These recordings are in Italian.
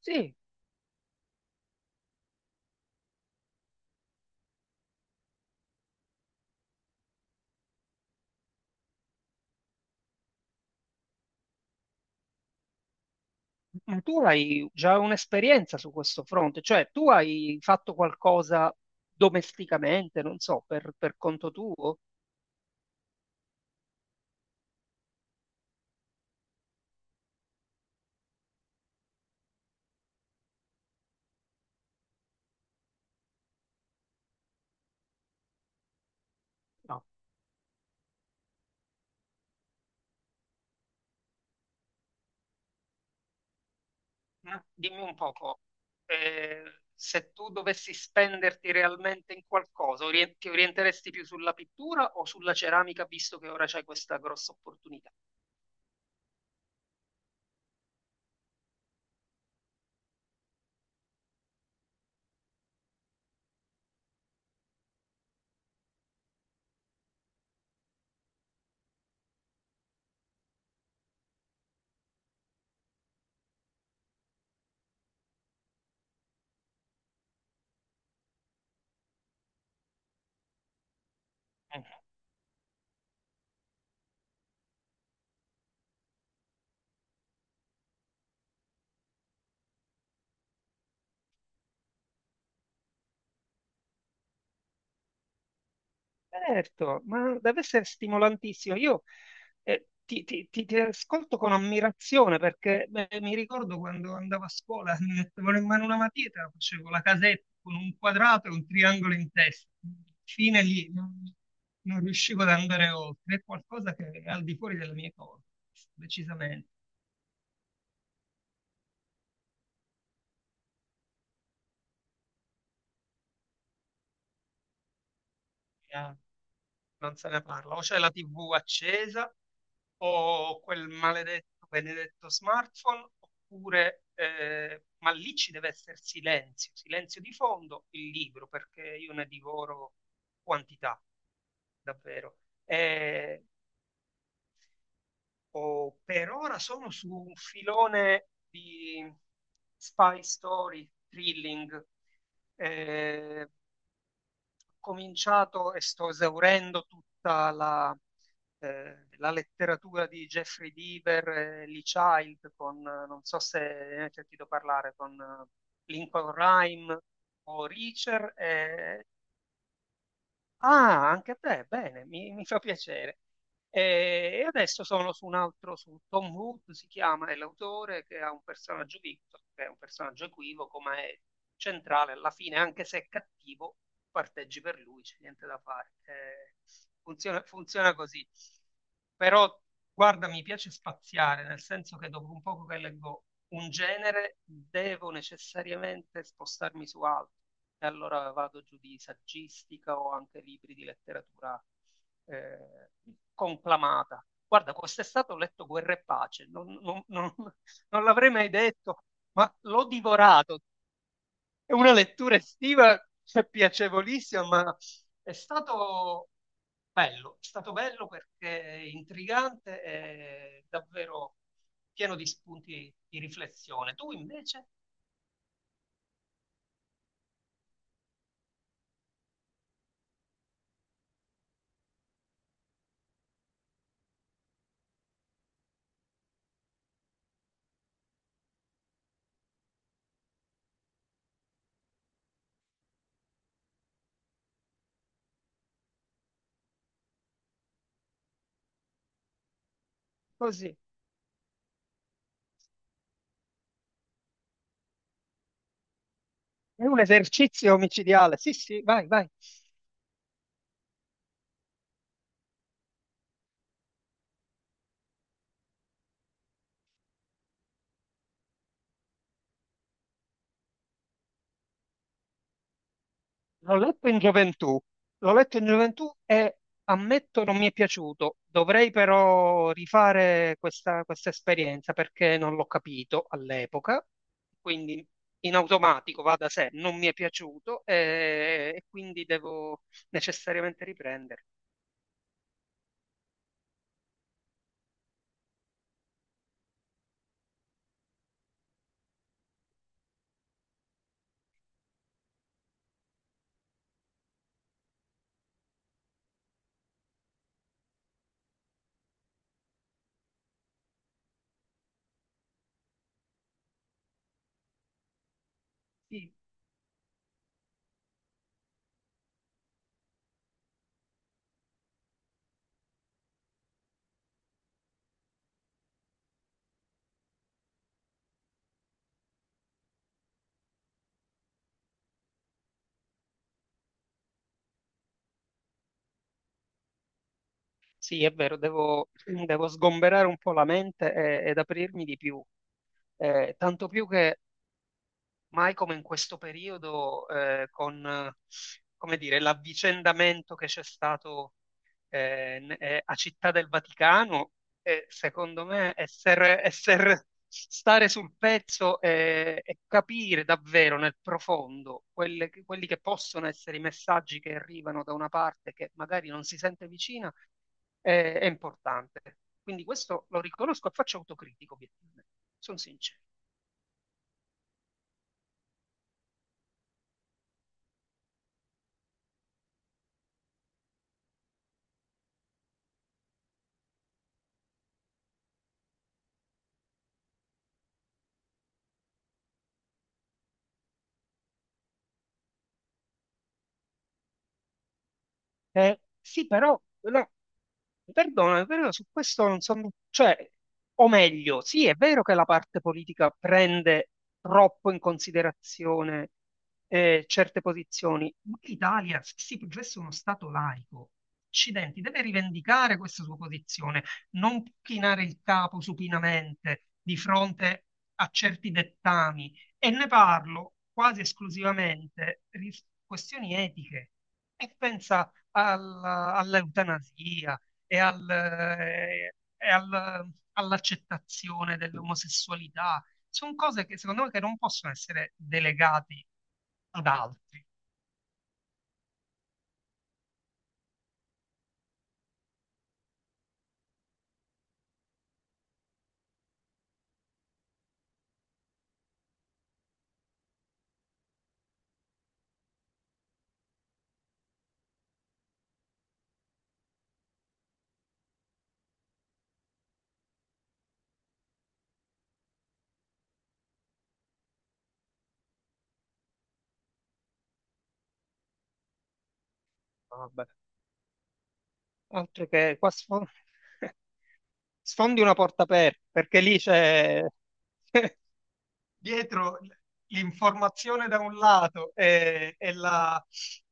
Sì, ma tu hai già un'esperienza su questo fronte, cioè tu hai fatto qualcosa domesticamente, non so, per conto tuo? No. Ma dimmi un poco, eh, se tu dovessi spenderti realmente in qualcosa, ti orienteresti più sulla pittura o sulla ceramica, visto che ora c'hai questa grossa opportunità? Certo, ma deve essere stimolantissimo. Io ti ascolto con ammirazione perché beh, mi ricordo quando andavo a scuola, mi mettevano in mano una matita, facevo la casetta con un quadrato e un triangolo in testa. Fine lì, non riuscivo ad andare oltre. È qualcosa che è al di fuori delle mie cose, decisamente. eh, Non se ne parla. O c'è la TV accesa, o quel maledetto, benedetto smartphone, oppure, ma lì ci deve essere silenzio, silenzio di fondo, il libro, perché io ne divoro quantità, davvero. Eh, o per ora sono su un filone di spy story, thrilling, eh, cominciato e sto esaurendo tutta la letteratura di Jeffrey Deaver e Lee Child con, non so se ne hai sentito parlare, con Lincoln Rhyme o Reacher. E ah, anche a te, bene, mi fa piacere. E adesso sono su un altro, su Tom Hood, si chiama, è l'autore che ha un personaggio Victor, che è un personaggio equivoco, ma è centrale alla fine, anche se è cattivo, parteggi per lui, c'è niente da fare. Funziona, funziona così. Però, guarda, mi piace spaziare, nel senso che dopo un poco che leggo un genere, devo necessariamente spostarmi su altro, e allora vado giù di saggistica o anche libri di letteratura eh, conclamata. Guarda, quest'estate ho letto Guerra e Pace, non l'avrei mai detto, ma l'ho divorato. È una lettura estiva, cioè, piacevolissima, ma è stato è stato bello perché è intrigante e davvero pieno di spunti di riflessione. Tu invece? Così, è un esercizio omicidiale. Sì, sì, vai, vai. L'ho letto in gioventù, l'ho letto in gioventù e ammetto non mi è piaciuto. Dovrei però rifare questa esperienza perché non l'ho capito all'epoca, quindi in automatico va da sé, non mi è piaciuto e quindi devo necessariamente riprendere. Sì, sì, è vero, devo sgomberare un po' la mente ed aprirmi di più. Tanto più che mai come in questo periodo, con, come dire, l'avvicendamento che c'è stato a Città del Vaticano, secondo me, stare sul pezzo e capire davvero nel profondo quelli che possono essere i messaggi che arrivano da una parte che magari non si sente vicina, è importante. Quindi questo lo riconosco e faccio autocritico, obiettivamente. Sono sincero. Sì, però, no, perdonami, però su questo non sono, cioè, o meglio, sì, è vero che la parte politica prende troppo in considerazione certe posizioni, ma l'Italia, se si professa uno Stato laico, accidenti, deve rivendicare questa sua posizione, non può chinare il capo supinamente di fronte a certi dettami, e ne parlo quasi esclusivamente di questioni etiche. E pensa all'eutanasia e all'accettazione dell'omosessualità. Sono cose che secondo me che non possono essere delegate ad altri. Vabbè, altro che qua sfondi una porta aperta, perché lì c'è dietro l'informazione da un lato e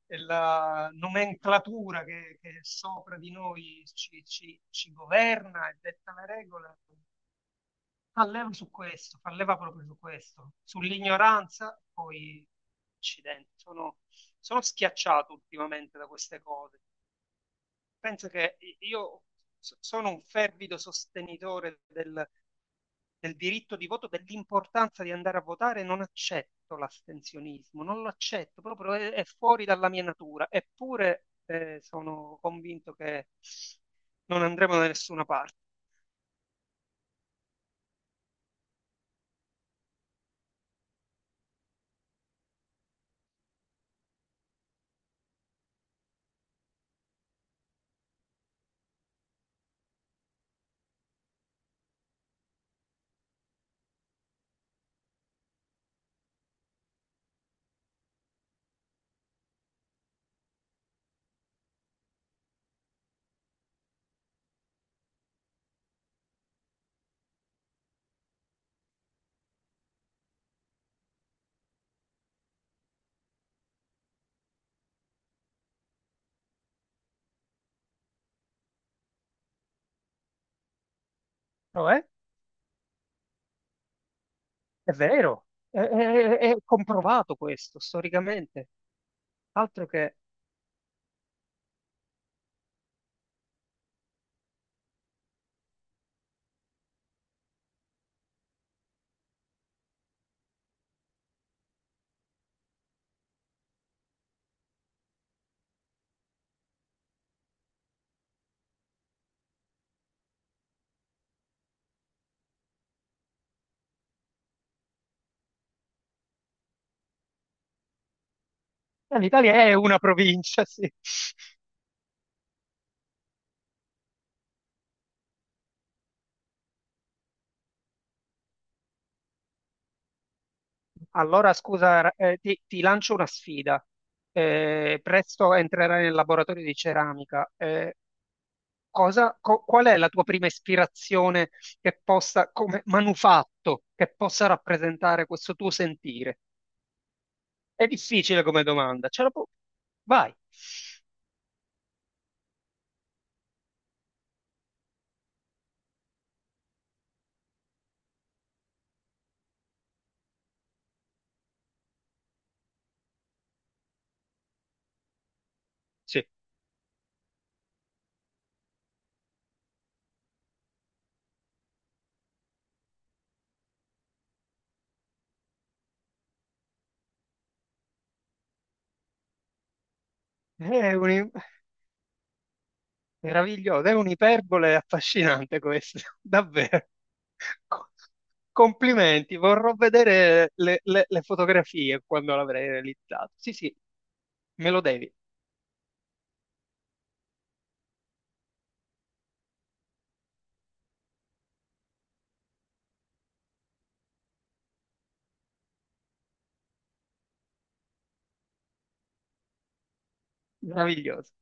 e la nomenclatura che sopra di noi ci governa e detta le regole, fa leva su questo, fa leva proprio su questo, sull'ignoranza, poi accidenti, sono, sono schiacciato ultimamente da queste cose. Penso che io sono un fervido sostenitore del diritto di voto, dell'importanza di andare a votare, non accetto l'astensionismo, non lo accetto, proprio è fuori dalla mia natura, eppure sono convinto che non andremo da nessuna parte. Però è, è vero, è comprovato questo storicamente, altro che l'Italia è una provincia, sì. Allora, scusa, ti lancio una sfida. Presto entrerai nel laboratorio di ceramica. Qual è la tua prima ispirazione che possa, come manufatto, che possa rappresentare questo tuo sentire? È difficile come domanda, vai. Sì. È un... Meraviglioso, è un'iperbole affascinante questo, davvero. Co- Complimenti, vorrò vedere le fotografie quando l'avrei realizzato. Sì, sì, me lo devi, meraviglioso.